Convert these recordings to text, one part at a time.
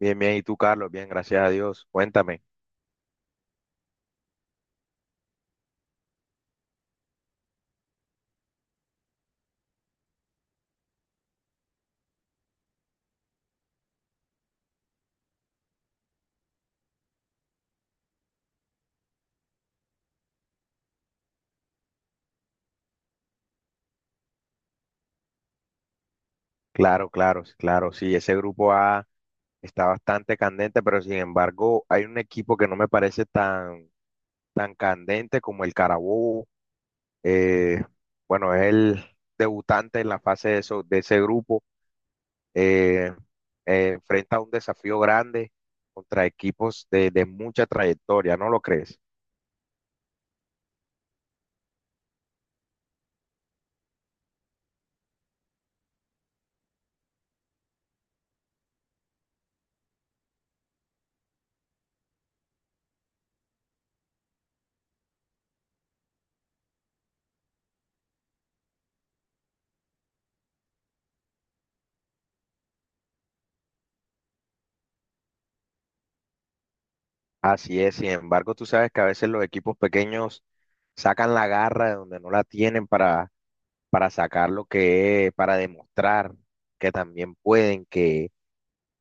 Bien, bien, ¿y tú, Carlos? Bien, gracias a Dios. Cuéntame. Claro, claro, claro. Sí, ese grupo A está bastante candente, pero sin embargo, hay un equipo que no me parece tan candente como el Carabobo. Eh, bueno, es el debutante en la fase de ese grupo. Eh, enfrenta un desafío grande contra equipos de mucha trayectoria, ¿no lo crees? Así es, sin embargo, tú sabes que a veces los equipos pequeños sacan la garra de donde no la tienen para sacar lo que es, para demostrar que también pueden, que,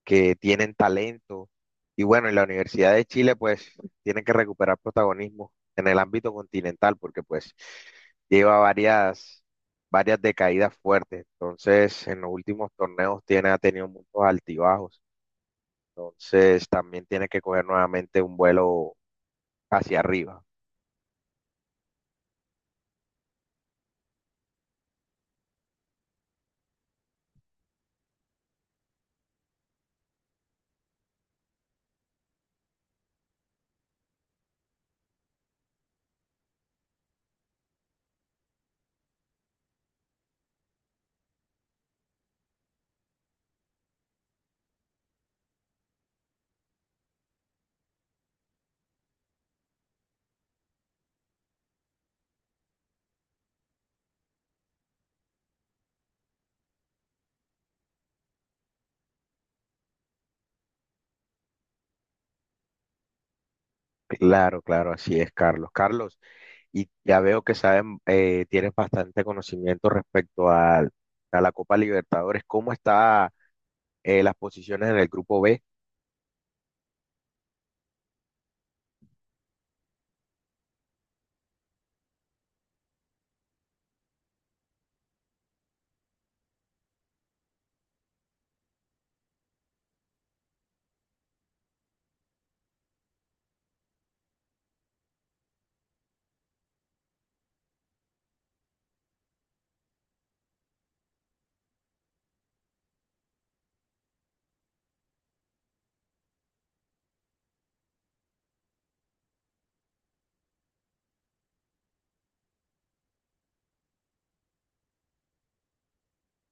que tienen talento. Y bueno, en la Universidad de Chile pues tienen que recuperar protagonismo en el ámbito continental porque pues lleva varias decaídas fuertes. Entonces, en los últimos torneos ha tenido muchos altibajos. Entonces, también tiene que coger nuevamente un vuelo hacia arriba. Claro, claro, así es, Carlos. Y ya veo que tienes bastante conocimiento respecto a la Copa Libertadores. ¿Cómo está las posiciones en el grupo B?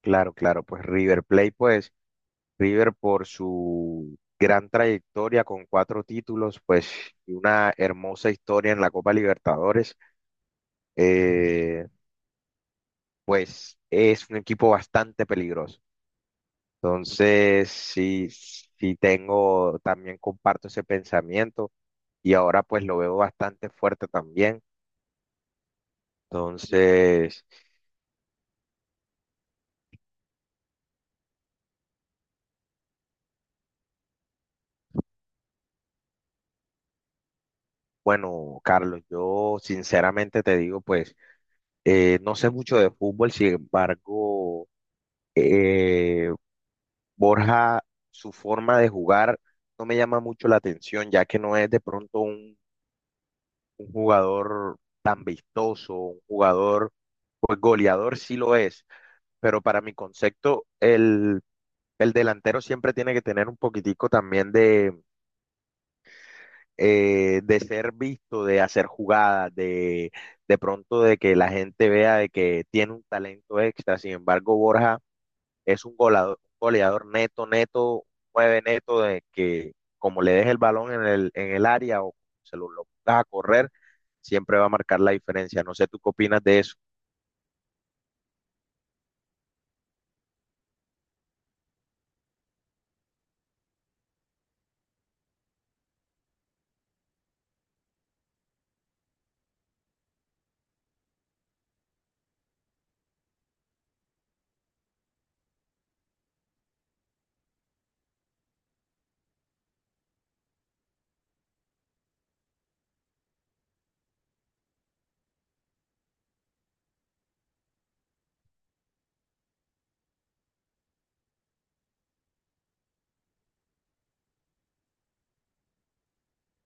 Claro, claro, pues River Plate, pues River por su gran trayectoria con cuatro títulos, pues y una hermosa historia en la Copa Libertadores, eh, pues es un equipo bastante peligroso. Entonces, sí, sí también comparto ese pensamiento y ahora pues lo veo bastante fuerte también. Entonces, bueno, Carlos, yo sinceramente te digo, pues no sé mucho de fútbol, sin embargo, eh, Borja, su forma de jugar no me llama mucho la atención, ya que no es de pronto un jugador tan vistoso, un jugador, pues goleador sí lo es, pero para mi concepto, el delantero siempre tiene que tener un poquitico también de ser visto, de hacer jugadas, de pronto de que la gente vea de que tiene un talento extra. Sin embargo, Borja es un goleador, goleador neto, neto, nueve neto, de que como le deje el balón en el área o lo pongas a correr, siempre va a marcar la diferencia. No sé tú qué opinas de eso.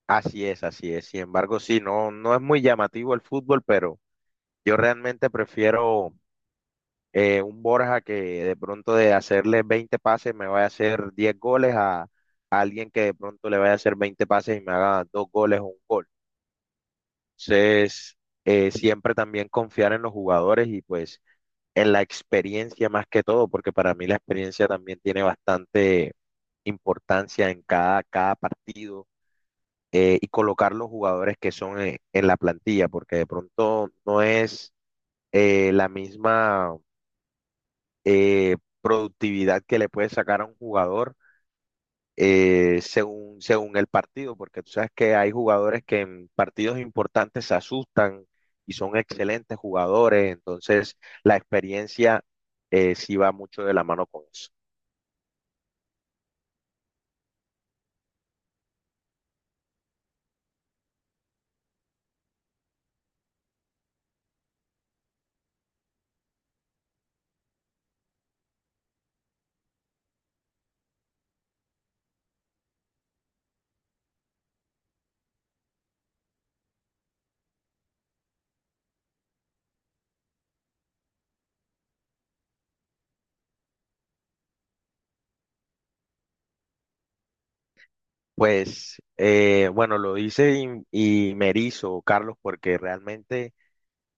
Así es, así es. Sin embargo, sí, no, no es muy llamativo el fútbol, pero yo realmente prefiero un Borja que de pronto de hacerle 20 pases me vaya a hacer 10 goles a alguien que de pronto le vaya a hacer 20 pases y me haga dos goles o un gol. Entonces, siempre también confiar en los jugadores y pues en la experiencia más que todo, porque para mí la experiencia también tiene bastante importancia en cada partido, y colocar los jugadores que son, en la plantilla, porque de pronto no es, la misma, productividad que le puede sacar a un jugador, según el partido, porque tú sabes que hay jugadores que en partidos importantes se asustan y son excelentes jugadores. Entonces la experiencia, sí va mucho de la mano con eso. Pues bueno, lo dice y me erizo, Carlos, porque realmente,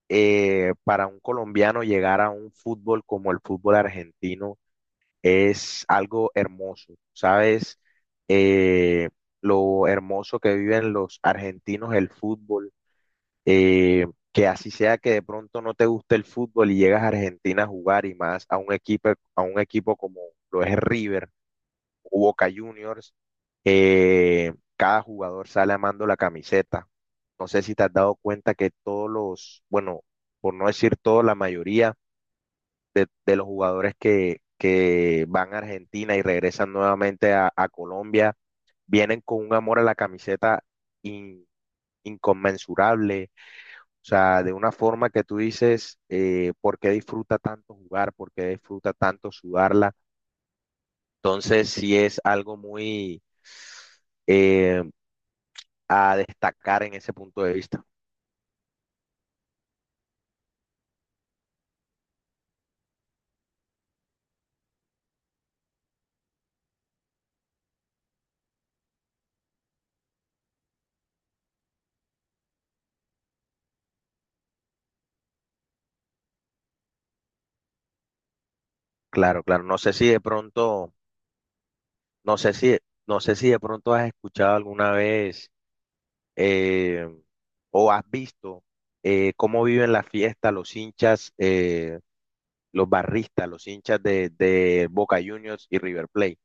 para un colombiano llegar a un fútbol como el fútbol argentino, es algo hermoso, ¿sabes? Eh, lo hermoso que viven los argentinos el fútbol, eh, que así sea que de pronto no te guste el fútbol y llegas a Argentina a jugar y más a un equipo, como lo es River o Boca Juniors, cada jugador sale amando la camiseta. No sé si te has dado cuenta que todos los, bueno, por no decir todo, la mayoría de los jugadores que van a Argentina y regresan nuevamente a Colombia, vienen con un amor a la camiseta in- inconmensurable, o sea, de una forma que tú dices, ¿por qué disfruta tanto jugar? ¿Por qué disfruta tanto sudarla? Entonces, sí es algo muy, eh, a destacar en ese punto de vista. Claro, claro. No sé si de pronto, no sé si, no sé si de pronto has escuchado alguna vez, eh, o has visto, cómo viven la fiesta los hinchas, los barristas, los hinchas de Boca Juniors y River Plate.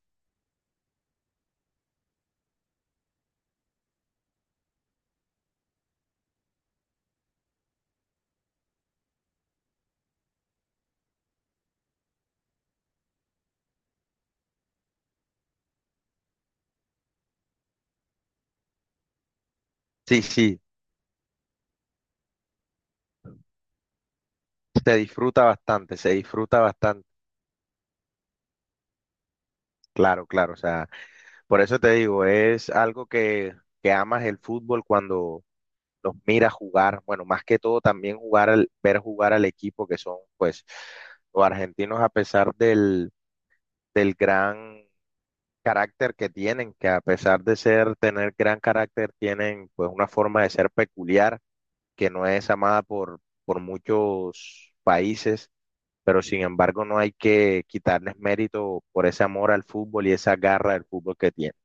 Sí, sí, se disfruta bastante, se disfruta bastante. Claro, claro, o sea, por eso te digo, es algo que amas el fútbol cuando los miras jugar, bueno, más que todo también ver jugar al equipo que son, pues, los argentinos, a pesar del gran carácter que tienen, que a pesar de tener gran carácter, tienen pues una forma de ser peculiar, que no es amada por muchos países, pero sin embargo no hay que quitarles mérito por ese amor al fútbol y esa garra del fútbol que tienen.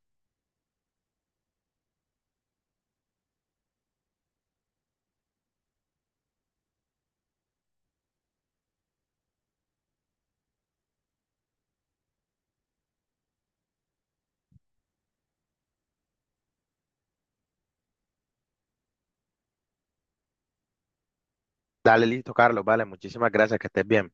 Dale, listo, Carlos, vale, muchísimas gracias, que estés bien.